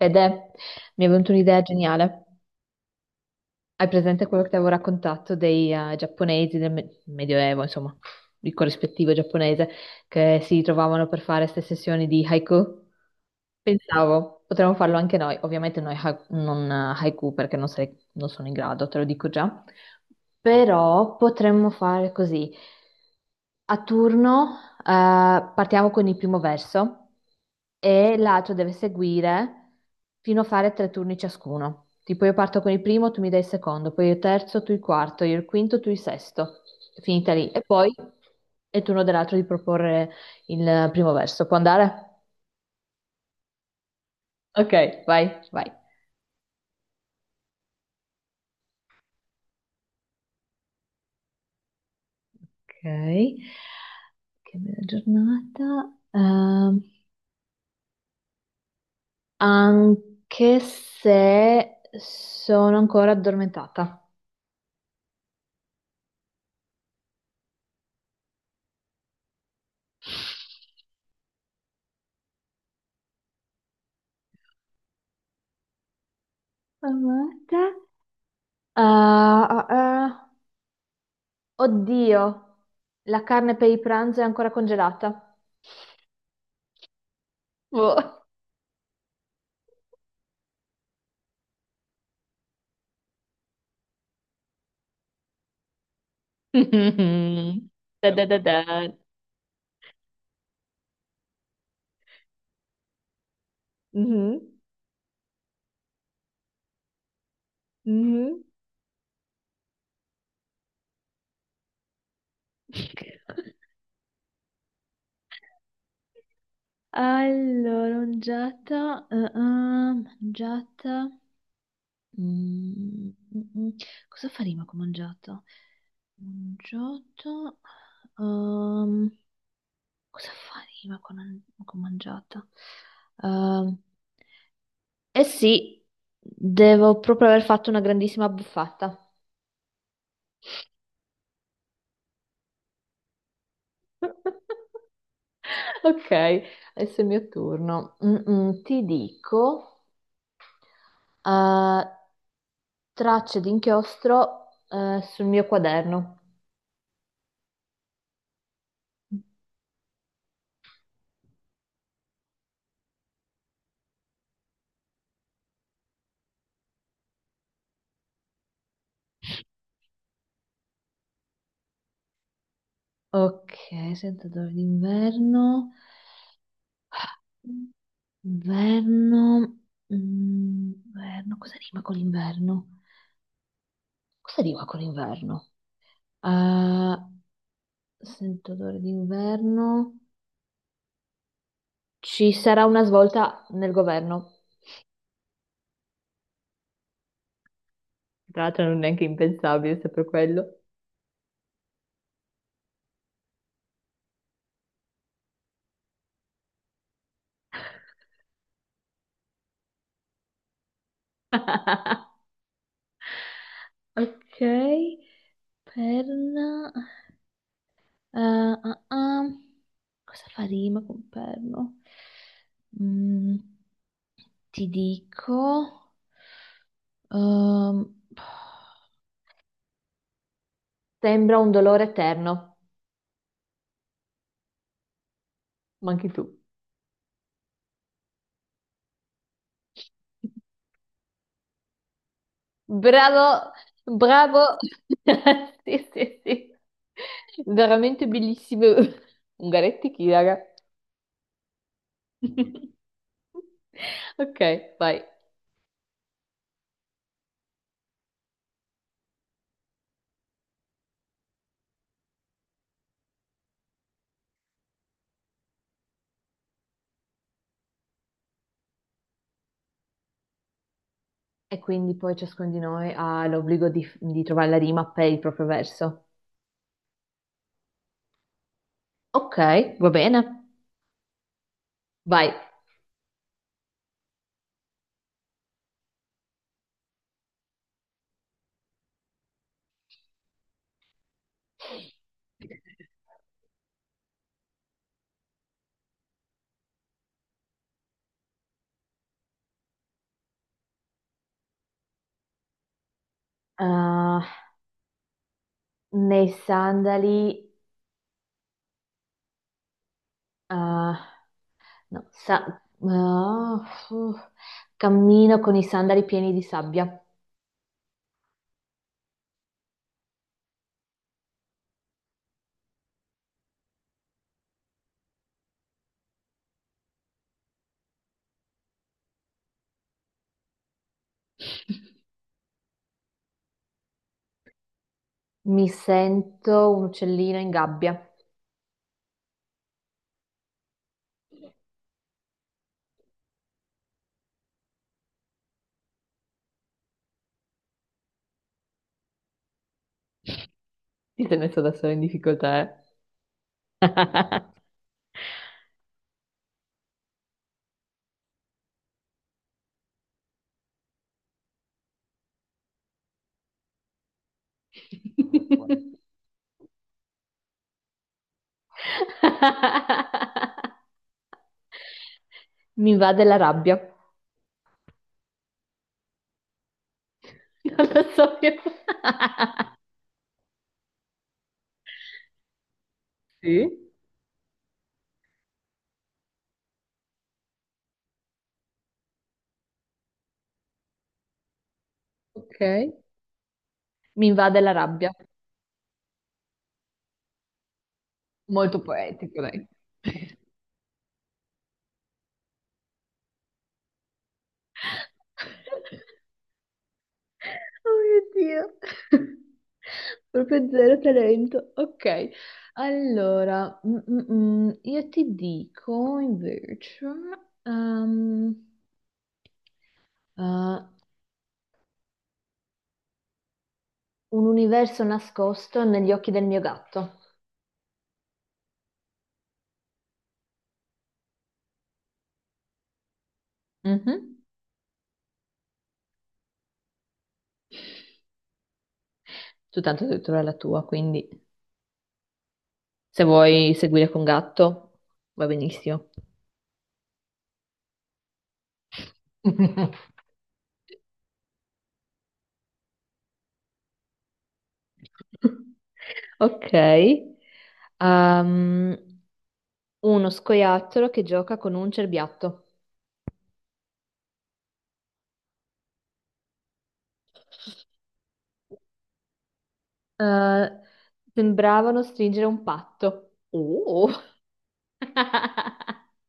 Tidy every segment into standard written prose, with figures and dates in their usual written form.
Fede, mi è venuta un'idea geniale. Hai presente quello che ti avevo raccontato dei giapponesi del Medioevo, insomma, il corrispettivo giapponese, che si trovavano per fare queste sessioni di haiku? Pensavo, potremmo farlo anche noi. Ovviamente noi non haiku perché non sono in grado, te lo dico già. Però potremmo fare così. A turno partiamo con il primo verso e l'altro deve seguire fino a fare tre turni ciascuno. Tipo io parto con il primo, tu mi dai il secondo, poi io il terzo, tu il quarto, io il quinto, tu il sesto. Finita lì. E poi è il turno dell'altro di proporre il primo verso. Può andare? Ok, vai, vai. Ok. Che bella giornata. Anche se sono ancora addormentata. Amata. Ah, ah, ah. Oddio, la carne per il pranzo è ancora congelata. Boh. Da da da da. Mhm, mhm. Allora, mangiata, ah, ah, mangiata. Mm, mm, mm. Cosa faremo che ho mangiato? Ho mangiato... ehm, cosa faremo che ho mangiato? Ehm, eh sì, devo proprio aver fatto una grandissima buffata. Ok, adesso è il mio turno. Mm, mm, ti dico, eh, tracce di inchiostro, sul mio quaderno. Ok, sentatore d'inverno. Inverno. Mm, inverno. Cosa rima con l'inverno? Cosa rima con l'inverno? Ah, sento odore d'inverno. Ci sarà una svolta nel governo. Tra l'altro non è neanche impensabile, se per quello. Ok, perna. Ah, ah. Cosa fa rima con perno? Mm, ti dico, ehm, sembra un dolore eterno, ma anche tu. Bravo, bravo. Sì, sì, sì. Veramente bellissimo. Ungaretti chi, raga? Ok, vai. E quindi poi ciascuno di noi ha l'obbligo di trovare la rima per il proprio verso. Ok, va bene. Vai. Uh, nei sandali, uh, no, sa- fu- cammino con i sandali pieni di sabbia. Mi sento un uccellino in gabbia. Ti sei messo da solo in difficoltà, eh? Mi va della rabbia. Non lo so più. Sì, ok. Mi invade la rabbia. Molto poetico, dai. Oh mio Dio. Proprio zero talento. Ok. Allora, mm, mm, mm, io ti dico invece ehm, un universo nascosto negli occhi del mio gatto. Mhm. Tu tanto hai detto la tua, quindi se vuoi seguire con gatto, va benissimo. Ok. Ehm, uno scoiattolo che gioca con un cerbiatto. Eh, sembravano stringere un patto.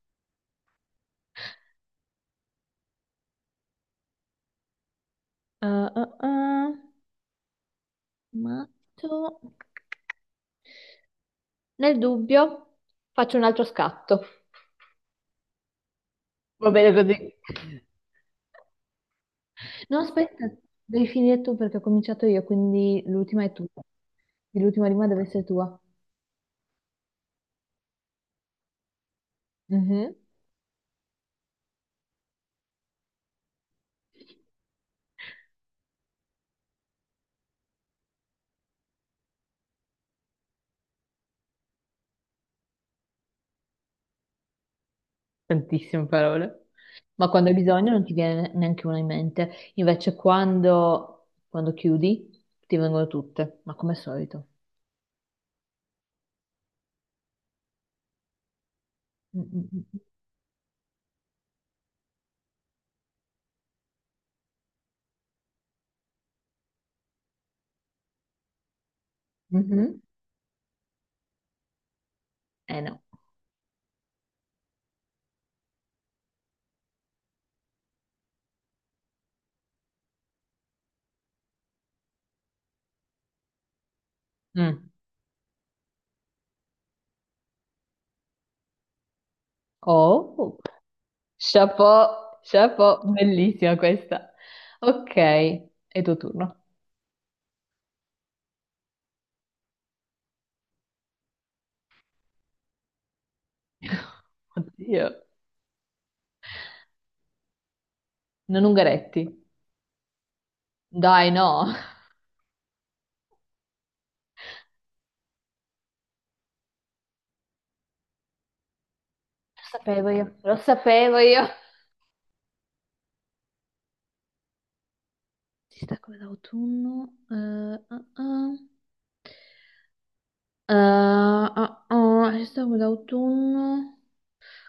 Uh, uh, uh, matto. Nel dubbio, faccio un altro scatto. Va bene così. No, aspetta, devi finire tu perché ho cominciato io, quindi l'ultima è tua. L'ultima rima deve essere tua. Mhm. Tantissime parole. Ma quando hai bisogno non ti viene neanche una in mente. Invece quando chiudi ti vengono tutte, ma come al solito. Mm, mm, mm, mm. Mhm. Eh no. Mm. Oh, chapeau, chapeau, bellissima questa. Ok, è tuo turno. Oddio, non Ungaretti. Dai, no. Sapevo io, lo sapevo io. Si sta come d'autunno. Eh, ah, ah. Ah, ah, si sta come d'autunno.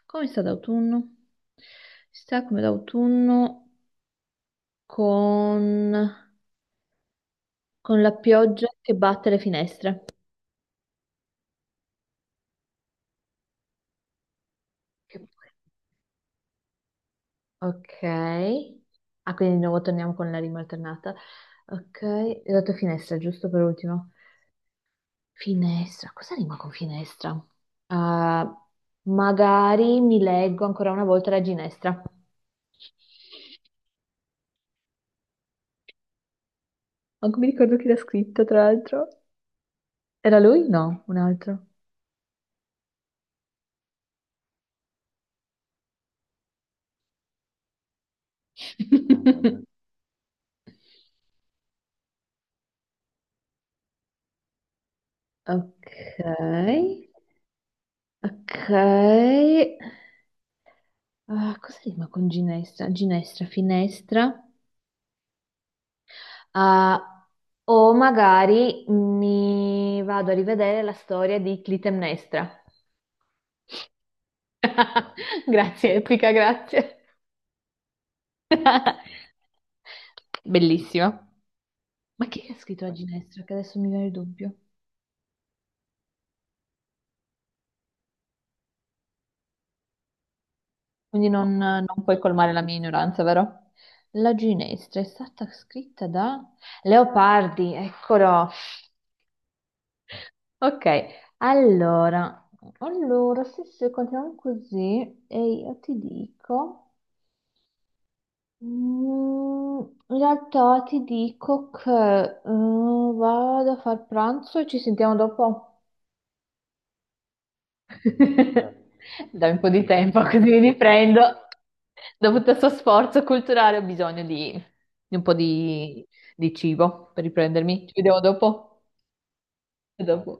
Come sta d'autunno? Si sta come d'autunno con, con la pioggia che batte le finestre. Che- Ok. Ah, quindi di nuovo torniamo con la rima alternata. Ok, le tue finestre, giusto per ultimo. Finestra, cosa rima con finestra? Ah, magari mi leggo ancora una volta la ginestra. Manco mi ricordo chi l'ha scritto, tra l'altro. Era lui? No, un altro. Ok, ok. Ah, cosa rima con ginestra? Ginestra, finestra. Ah, o magari mi vado a rivedere la storia di Clitemnestra. Grazie, Epica, grazie. Bellissima. Ma chi è che ha scritto la ginestra? Che adesso mi viene il dubbio. Quindi non puoi colmare la mia ignoranza, vero? La ginestra è stata scritta da Leopardi, eccolo. Ok, allora, allora, se continuiamo così, e io ti dico, mm, in realtà ti dico che mm, vado a far pranzo e ci sentiamo dopo. Dai un po' di tempo così mi riprendo. Dopo tutto questo sforzo culturale ho bisogno di un po' di cibo per riprendermi. Ci vediamo dopo. A dopo.